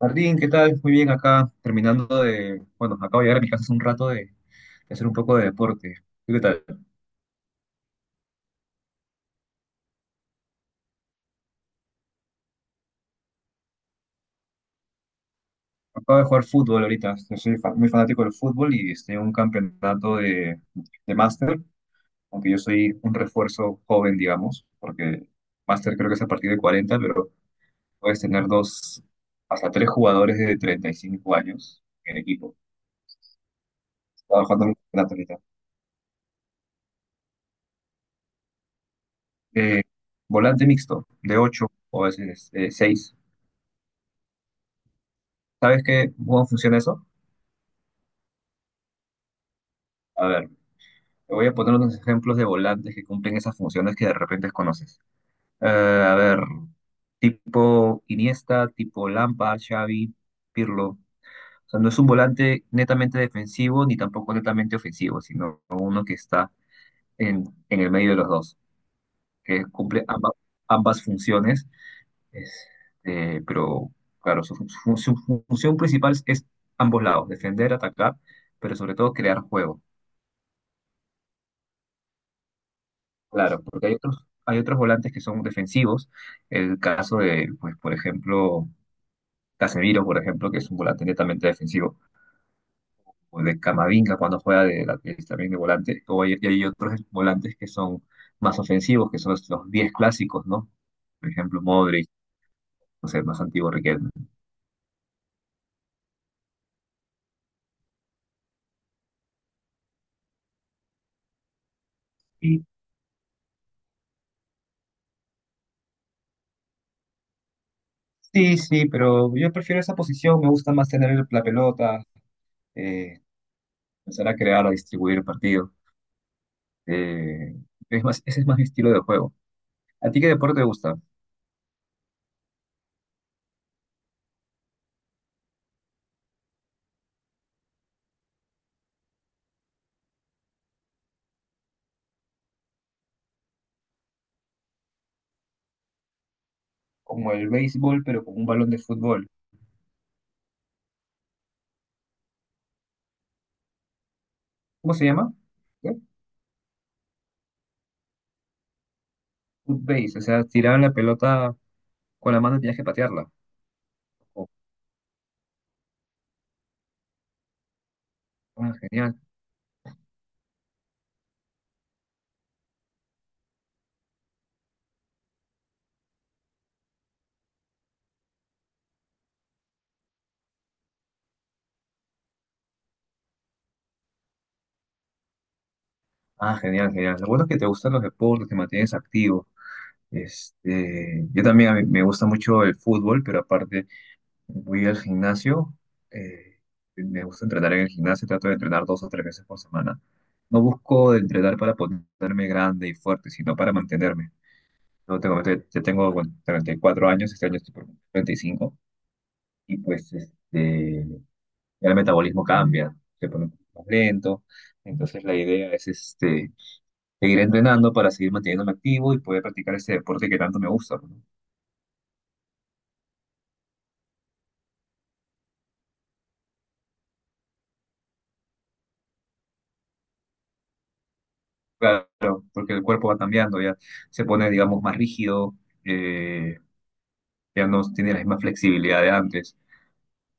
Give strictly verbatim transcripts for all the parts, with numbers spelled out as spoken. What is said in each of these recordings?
Martín, ¿qué tal? Muy bien, acá terminando de, bueno, acabo de llegar a mi casa hace un rato de, de hacer un poco de deporte. ¿Tú qué tal? Acabo de jugar fútbol ahorita, yo soy fa- muy fanático del fútbol y estoy en un campeonato de, de máster, aunque yo soy un refuerzo joven, digamos, porque máster creo que es a partir de cuarenta, pero puedes tener dos, hasta tres jugadores de treinta y cinco años en el equipo. Estaba jugando en un campeonato ahorita. Eh, Volante mixto, de ocho o a veces eh, seis. ¿Sabes qué, cómo funciona eso? A ver, te voy a poner unos ejemplos de volantes que cumplen esas funciones que de repente conoces. Eh, a ver, tipo Iniesta, tipo Lampa, Xavi, Pirlo. O sea, no es un volante netamente defensivo ni tampoco netamente ofensivo, sino uno que está en, en el medio de los dos, que cumple amba- ambas funciones. Este, pero, claro, su, su- su función principal es ambos lados, defender, atacar, pero sobre todo crear juego. Claro, porque hay otros, hay otros volantes que son defensivos. El caso de, pues, por ejemplo, Casemiro, por ejemplo, que es un volante netamente defensivo, o de Camavinga cuando juega de lateral también de volante, o hay, y hay otros volantes que son más ofensivos, que son los, los diez clásicos, ¿no? Por ejemplo, Modric, no sé, más antiguo Riquelme. Y sí, sí, pero yo prefiero esa posición, me gusta más tener el- la pelota, eh, empezar a crear, a distribuir el partido. eh, es más, ese es más mi estilo de juego. ¿A ti qué deporte te gusta? Como el béisbol, pero con un balón de fútbol. ¿Cómo se llama? ¿Qué? Foot base, o sea, tiraban la pelota con la mano y tenías que patearla. Oh, ah, genial. Ah, genial, genial. Lo bueno es que te gustan los deportes, te mantienes activo. Este, yo también a mí me gusta mucho el fútbol, pero aparte voy al gimnasio. eh, Me gusta entrenar en el gimnasio, trato de entrenar dos o tres veces por semana. No busco entrenar para ponerme grande y fuerte, sino para mantenerme. No tengo, ya tengo, bueno, treinta y cuatro años, este año estoy por treinta y cinco y pues este, ya el metabolismo cambia, se pone un poco más lento. Entonces la idea es este, seguir entrenando para seguir manteniéndome activo y poder practicar ese deporte que tanto me gusta, ¿no? Claro, porque el cuerpo va cambiando, ya se pone, digamos, más rígido, eh, ya no tiene la misma flexibilidad de antes.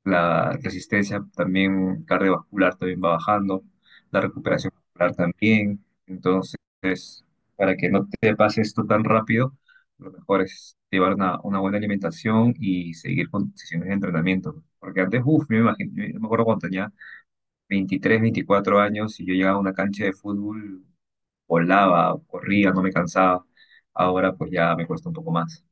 La resistencia también cardiovascular también va bajando, la recuperación muscular también. Entonces, para que no te pase esto tan rápido, lo mejor es llevar una, una buena alimentación y seguir con sesiones de entrenamiento. Porque antes, uff, me imagino, yo me acuerdo cuando tenía veintitrés veinticuatro años y yo llegaba a una cancha de fútbol, volaba, corría, no me cansaba. Ahora pues ya me cuesta un poco más.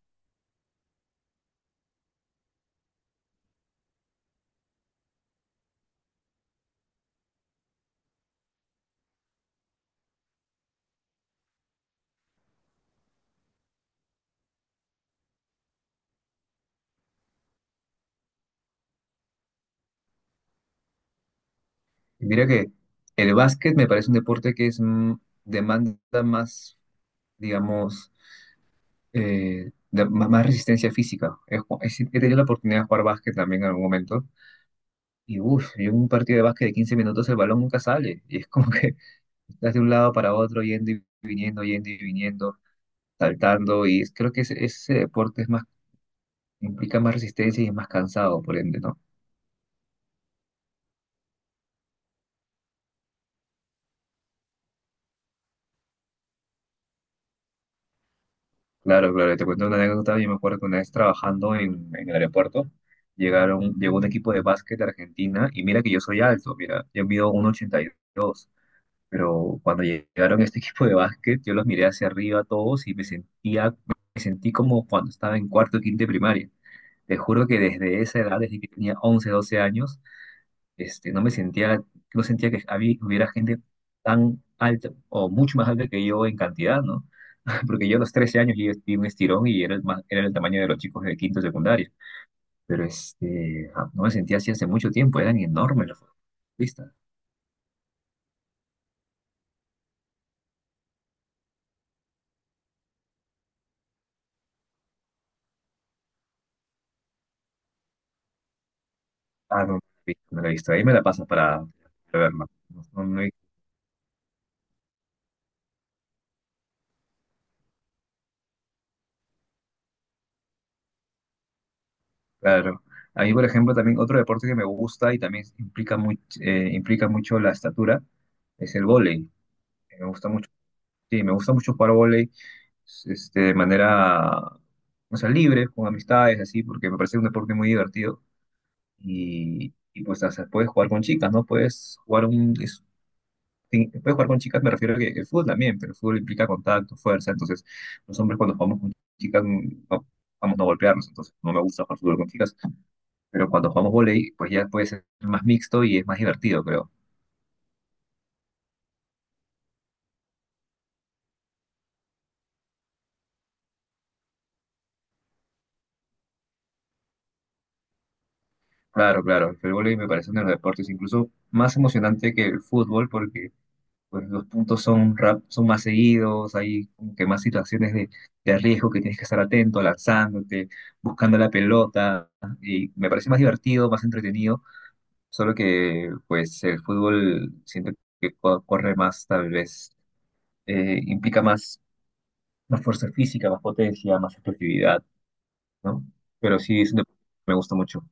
Y mira que el básquet me parece un deporte que es mm, demanda más digamos, eh, de- ma- más resistencia física. He, ju- he si- He tenido la oportunidad de jugar básquet también en algún momento. Y uff, yo en un partido de básquet de quince minutos el balón nunca sale. Y es como que estás de un lado para otro, yendo y viniendo, yendo y viniendo, saltando. Y es- creo que ese, ese deporte es más, implica más resistencia y es más cansado, por ende, ¿no? Claro, claro, te cuento una anécdota. Yo me acuerdo que una vez trabajando en, en el aeropuerto, llegaron, llegó un equipo de básquet de Argentina. Y mira que yo soy alto, mira, yo mido uno ochenta y dos. Pero cuando llegaron a este equipo de básquet, yo los miré hacia arriba a todos y me sentía, me sentí como cuando estaba en cuarto o quinto de primaria. Te juro que desde esa edad, desde que tenía once doce años, este, no me sentía, no sentía que había, hubiera gente tan alta o mucho más alta que yo en cantidad, ¿no? Porque yo a los trece años yo di un estirón y era el, más- era el tamaño de los chicos de quinto de secundaria. Pero este, ah, no me sentía así hace mucho tiempo, eran enormes los futbolistas. Ah, no, no la he visto. No la he visto. Ahí me la pasas para, para verla. No, no- no hay- Claro. A mí, por ejemplo, también otro deporte que me gusta y también implica, much- eh, implica mucho la estatura es el vóley. Eh, Me gusta mucho, sí, me gusta mucho jugar vóley este, de manera, o sea, libre, con amistades, así, porque me parece un deporte muy divertido. Y, y pues, o sea, puedes jugar con chicas, ¿no? Puedes jugar un, es sí, puedes jugar con chicas, me refiero a que el fútbol también, pero el fútbol implica contacto, fuerza, entonces los hombres cuando jugamos con chicas mm, no, vamos a no golpearnos, entonces no me gusta jugar fútbol con chicas, pero cuando jugamos vóley, pues ya puede ser más mixto y es más divertido, creo. Claro, claro, el vóley me parece uno de los deportes incluso más emocionante que el fútbol porque pues, los puntos son, rap, son más seguidos, hay como que más situaciones de, de riesgo que tienes que estar atento, lanzándote, buscando la pelota, y me parece más divertido, más entretenido. Solo que, pues, el fútbol siento que co- corre más, tal vez, eh, implica más, más fuerza física, más potencia, más explosividad, ¿no? Pero sí, es un deporte que me gusta mucho.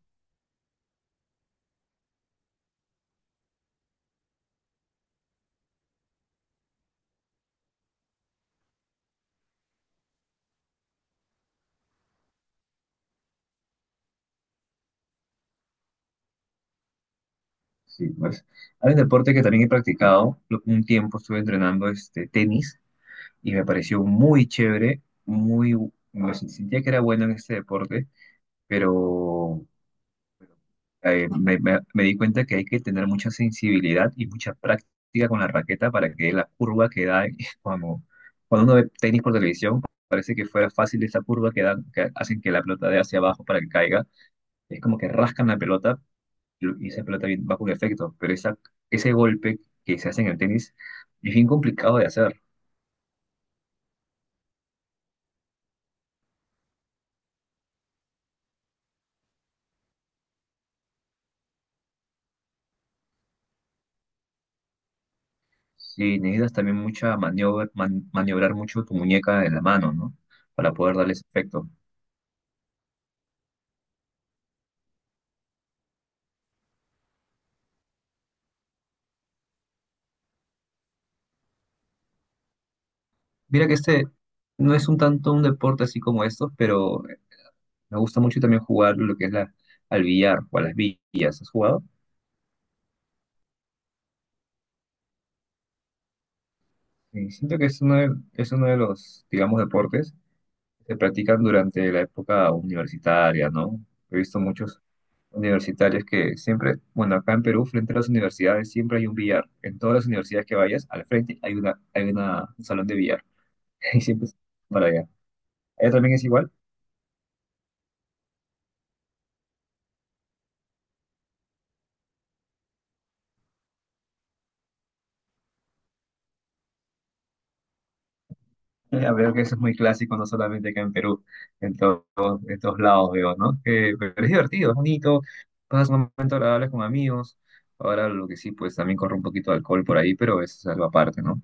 Sí, pues. Hay un deporte que también he practicado. lo- Un tiempo estuve entrenando este, tenis y me pareció muy chévere, muy, me sentía que era bueno en este deporte, pero eh, me, me- me di cuenta que hay que tener mucha sensibilidad y mucha práctica con la raqueta para que la curva que da, cuando, cuando uno ve tenis por televisión, parece que fuera fácil esa curva que dan, que hacen que la pelota dé hacia abajo para que caiga. Es como que rascan la pelota y y esa pelota viene- va con efecto, pero esa, ese golpe que se hace en el tenis es bien complicado de hacer. Sí, necesitas también mucha maniobra, man- maniobrar mucho tu muñeca en la mano, ¿no? Para poder darle ese efecto. Mira que este no es un tanto un deporte así como estos, pero me gusta mucho también jugar lo que es la, al billar o a las villas. ¿Has jugado? Y siento que es uno de, es uno de los, digamos, deportes que se practican durante la época universitaria, ¿no? He visto muchos universitarios que siempre, bueno, acá en Perú, frente a las universidades, siempre hay un billar. En todas las universidades que vayas, al frente hay una, hay una, un salón de billar. Y siempre es para allá. ¿Allá también es igual? Ya veo que eso es muy clásico, no solamente acá en Perú, en to- en todos estos lados veo, ¿no? Que, pero es divertido, es bonito, pasas un momento agradable con amigos. Ahora lo que sí, pues también corre un poquito de alcohol por ahí, pero eso es algo aparte, ¿no?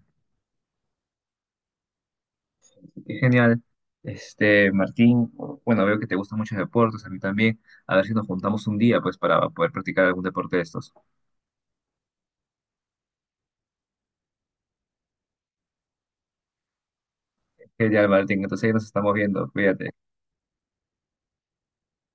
Qué genial. Este, Martín, bueno, veo que te gustan muchos deportes, a mí también. A ver si nos juntamos un día, pues, para poder practicar algún deporte de estos. Genial, Martín, entonces ahí nos estamos viendo, cuídate.